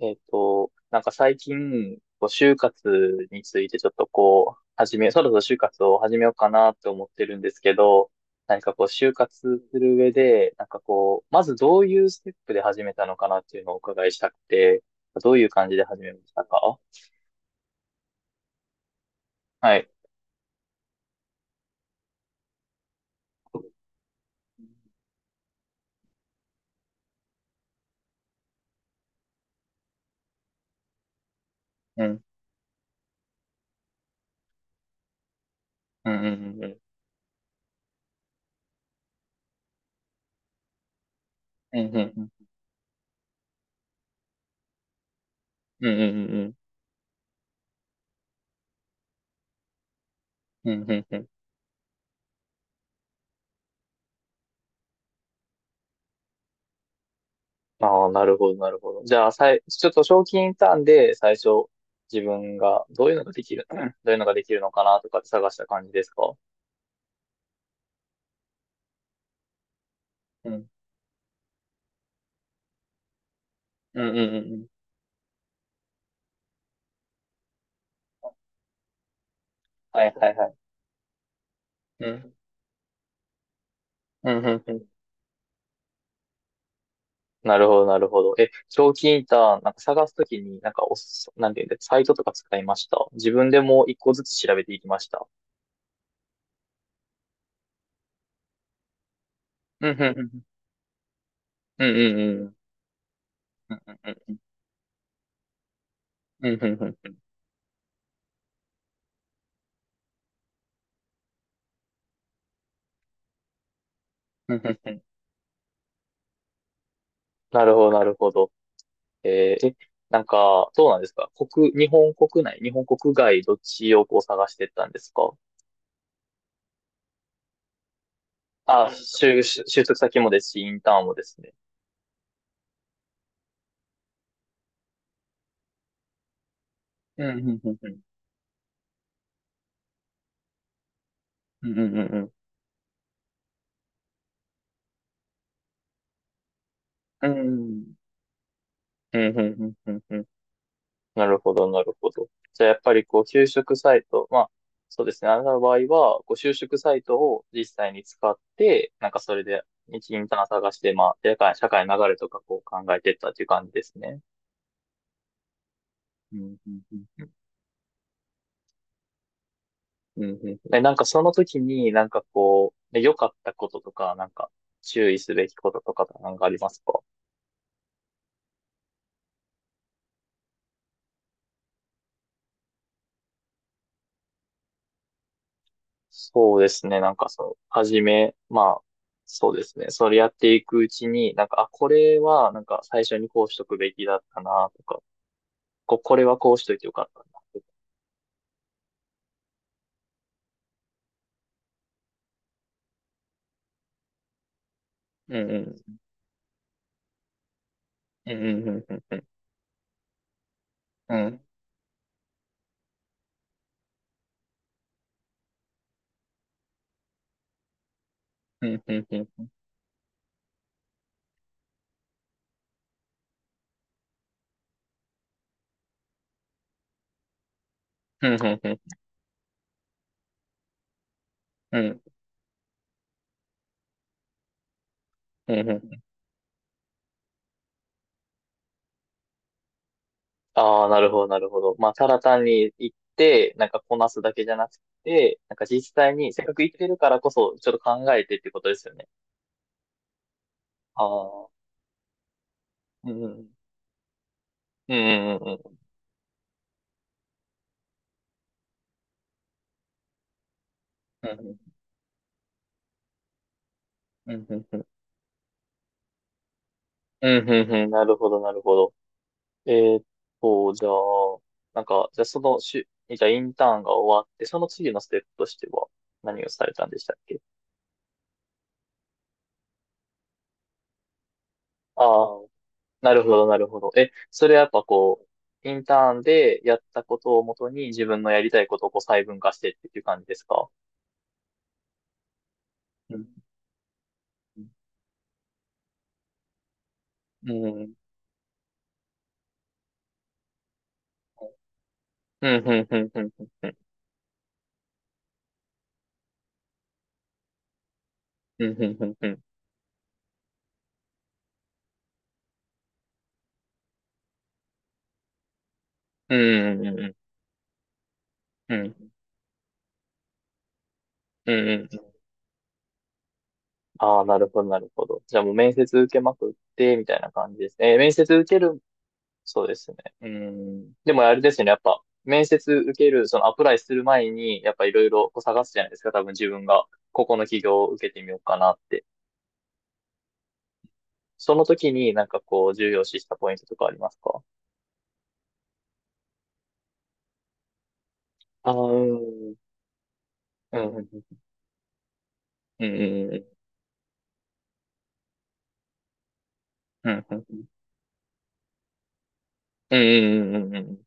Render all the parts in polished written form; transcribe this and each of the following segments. なんか最近、就活についてちょっとこう、始め、そろそろ就活を始めようかなって思ってるんですけど、何かこう、就活する上で、まずどういうステップで始めたのかなっていうのをお伺いしたくて、どういう感じで始めましたか？はい。うん。うんうんうんうん。うんうんうん。うんうんうんうん。うんうんうん。ああ、なるほど、なるほど。じゃあ、さい、ちょっと賞金ターンで最初、自分がどういうのができる、どういうのができるのかなとかって探した感じですか？うん。うんうんうんうん。はいはいはい。うん。うんうんうん。なるほど、なるほど。え、賞金ターン、なんか探すときに、なんかおす、なんていうんだ、サイトとか使いました？自分でもう一個ずつ調べていきました？うんうんうんうん。うんうんうん。うんうんうん。うんうんうん。うんうんうん。なるほど、なるほど。えーえ、なんか、そうなんですか？日本国内、日本国外、どっちをこう探してったんですか？あ、就職先もですし、インターンもですね。うん、うん、うん、うん、うん、うん、うん、うん、うん、うん、うんうんうん。なるほど、なるほど。じゃあ、やっぱりこう、就職サイト、まあ、そうですね。あなたの場合は、こう、就職サイトを実際に使って、なんかそれで、一インターン探して、まあ、社会の流れとかこう考えてったっていう感じですね。うんうんうんうんうん。え、なんかその時になんかこう、ね、良かったこととか、なんか注意すべきこととかなんかありますか？そうですね。なんかその、はじめ、まあ、そうですね。それやっていくうちに、なんか、あ、これはなんか最初にこうしとくべきだったなとか、これはこうしといてよかったなとか。うんうん。うんうんうんうんうん。うん。うんうんうんうん。うんうんうんうん。うんうんうん。ああ、なるほど、なるほど。まあ、ただ単に行って、なんかこなすだけじゃなくて、なんか実際に、せっかく行ってるからこそ、ちょっと考えてってことですよね。ああ、うん、うん、うん、うん、うん、うん、うん、うん、うん、うん、うん、なるほど、なるほど。えーっじゃあ、なんか、じゃあそのしゅ、じゃあインターンが終わって、その次のステップとしては、何をされたんでしたっけ？ああ、なるほど、なるほど。え、それはやっぱこう、インターンでやったことをもとに自分のやりたいことをこう細分化してっていう感じですか？うん。うん。うん、うん、うん、うん、うん、うん、うん、うん、うん、うん、うん、うん、うん、ああ、なるほど、なるほど。じゃあもう面接受けまくって、みたいな感じですね。えー面接受ける、そうですね。うん。でもあれですよね、やっぱ、面接受ける、そのアプライする前に、やっぱいろいろこう探すじゃないですか、多分自分が、ここの企業を受けてみようかなって。その時になんかこう重要視したポイントとかありますか？ああ、うん。うんうんうんうんうんうんうんうんうんうんうん。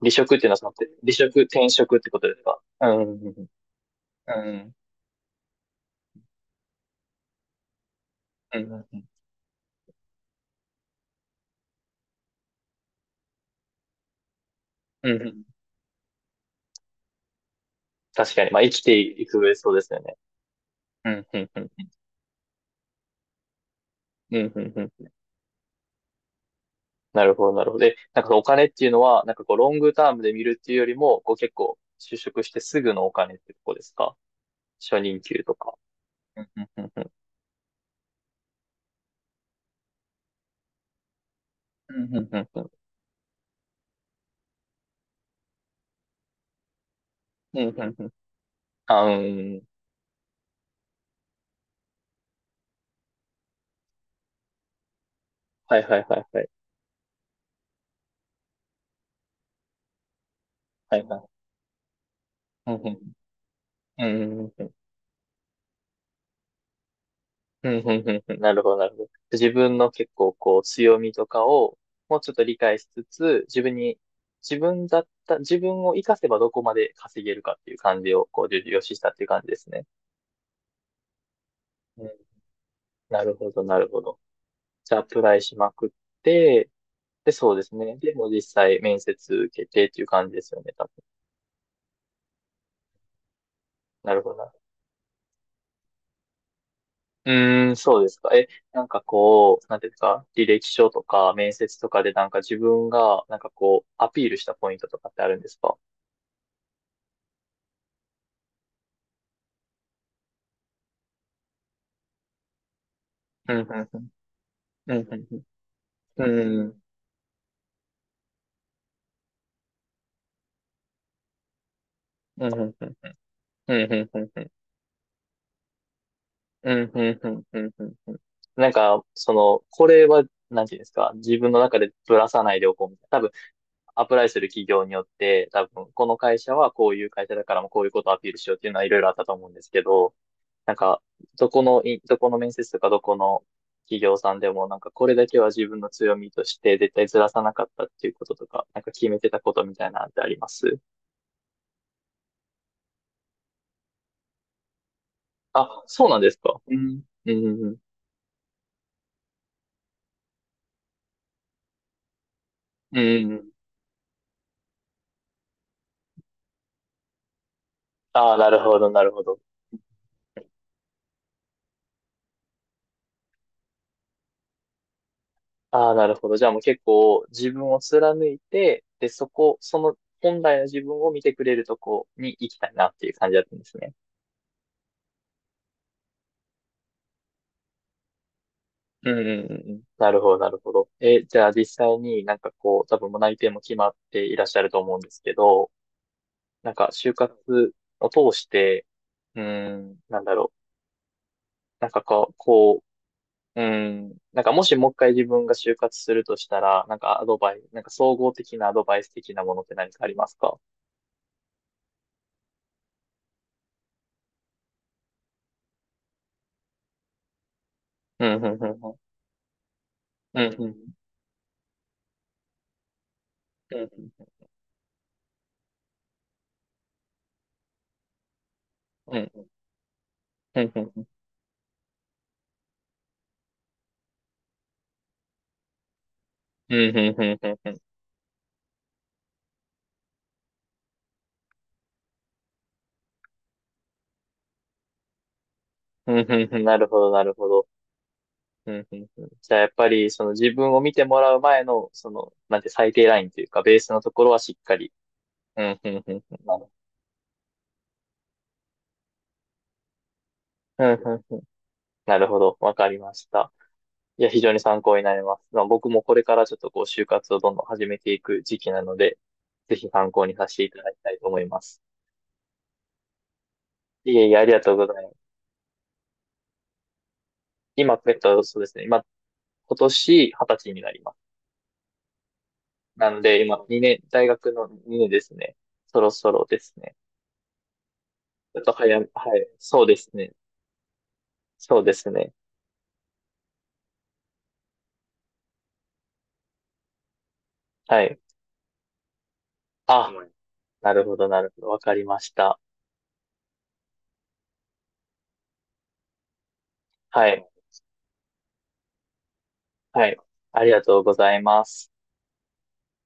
離職っていうのはその、転職ってことですか？うんうんうんうんうんうんうんうん。確かに、まあ生きていく上そうですよね。うんうんうんうんうんうん。なるほど、なるほど。で、なんかお金っていうのは、なんかこうロングタームで見るっていうよりも、こう結構就職してすぐのお金ってとこですか？初任給とか。うんうんうんうんうんうんうんうんうん。あー、はいはいはいはい。はいはい。うん、うん、うん、うん、うん、うん、うん、なるほど、なるほど。自分の結構こう強みとかをもうちょっと理解しつつ、自分に、自分だった、自分を活かせばどこまで稼げるかっていう感じをこう重要視したっていう感じですね。うん、なるほど、なるほど。じゃあアプライしまくって、で、そうですね。でも実際面接受けてっていう感じですよね、多分。なるほど。うん、うん、うん、うん、うん。うん。なんか、その、これは、なんていうんですか、自分の中でぶらさないでおこうみたいな。多分、アプライする企業によって、多分、この会社はこういう会社だからもこういうことをアピールしようっていうのはいろいろあったと思うんですけど、なんか、どこの面接とかどこの企業さんでも、なんかこれだけは自分の強みとして絶対ずらさなかったっていうこととか、なんか決めてたことみたいなのってあります？あ、そうなんですか。うん。うん。うん。うん。ああ、なるほど、なるほど。ああ、なるほど。じゃあもう結構自分を貫いて、で、その本来の自分を見てくれるとこに行きたいなっていう感じだったんですね。うんうんうんうん。なるほど、なるほど。え、じゃあ実際になんかこう、多分もう内定も決まっていらっしゃると思うんですけど、なんか就活を通して、うーん、なんだろう。なんかこう、こう、うーなんかもしもう一回自分が就活するとしたら、なんかアドバイス、なんか総合的なアドバイス的なものって何かありますか？うん、うん、うん、うん。うんうんうん、うん、うん、うん、うん、うん、うん、うん、うん、うん、うん、なるほど、なるほど。うん、うん、うん。じゃあ、やっぱり、その自分を見てもらう前の、その、なんて最低ラインというか、ベースのところはしっかり。うん、うん、うん、うん、なる、うんうんうん、なるほど。わかりました。いや、非常に参考になります。まあ、僕もこれからちょっとこう、就活をどんどん始めていく時期なので、ぜひ参考にさせていただきたいと思います。いえいえ、ありがとうございます。今、そうですね。今、今年二十歳になります。なんで、今、2年、大学の2年ですね。そろそろですね。ちょっと早め、はい。そうですね。そうですね。はい。あ、はい、なるほど、なるほど。わかりました。はい。はい。ありがとうございます。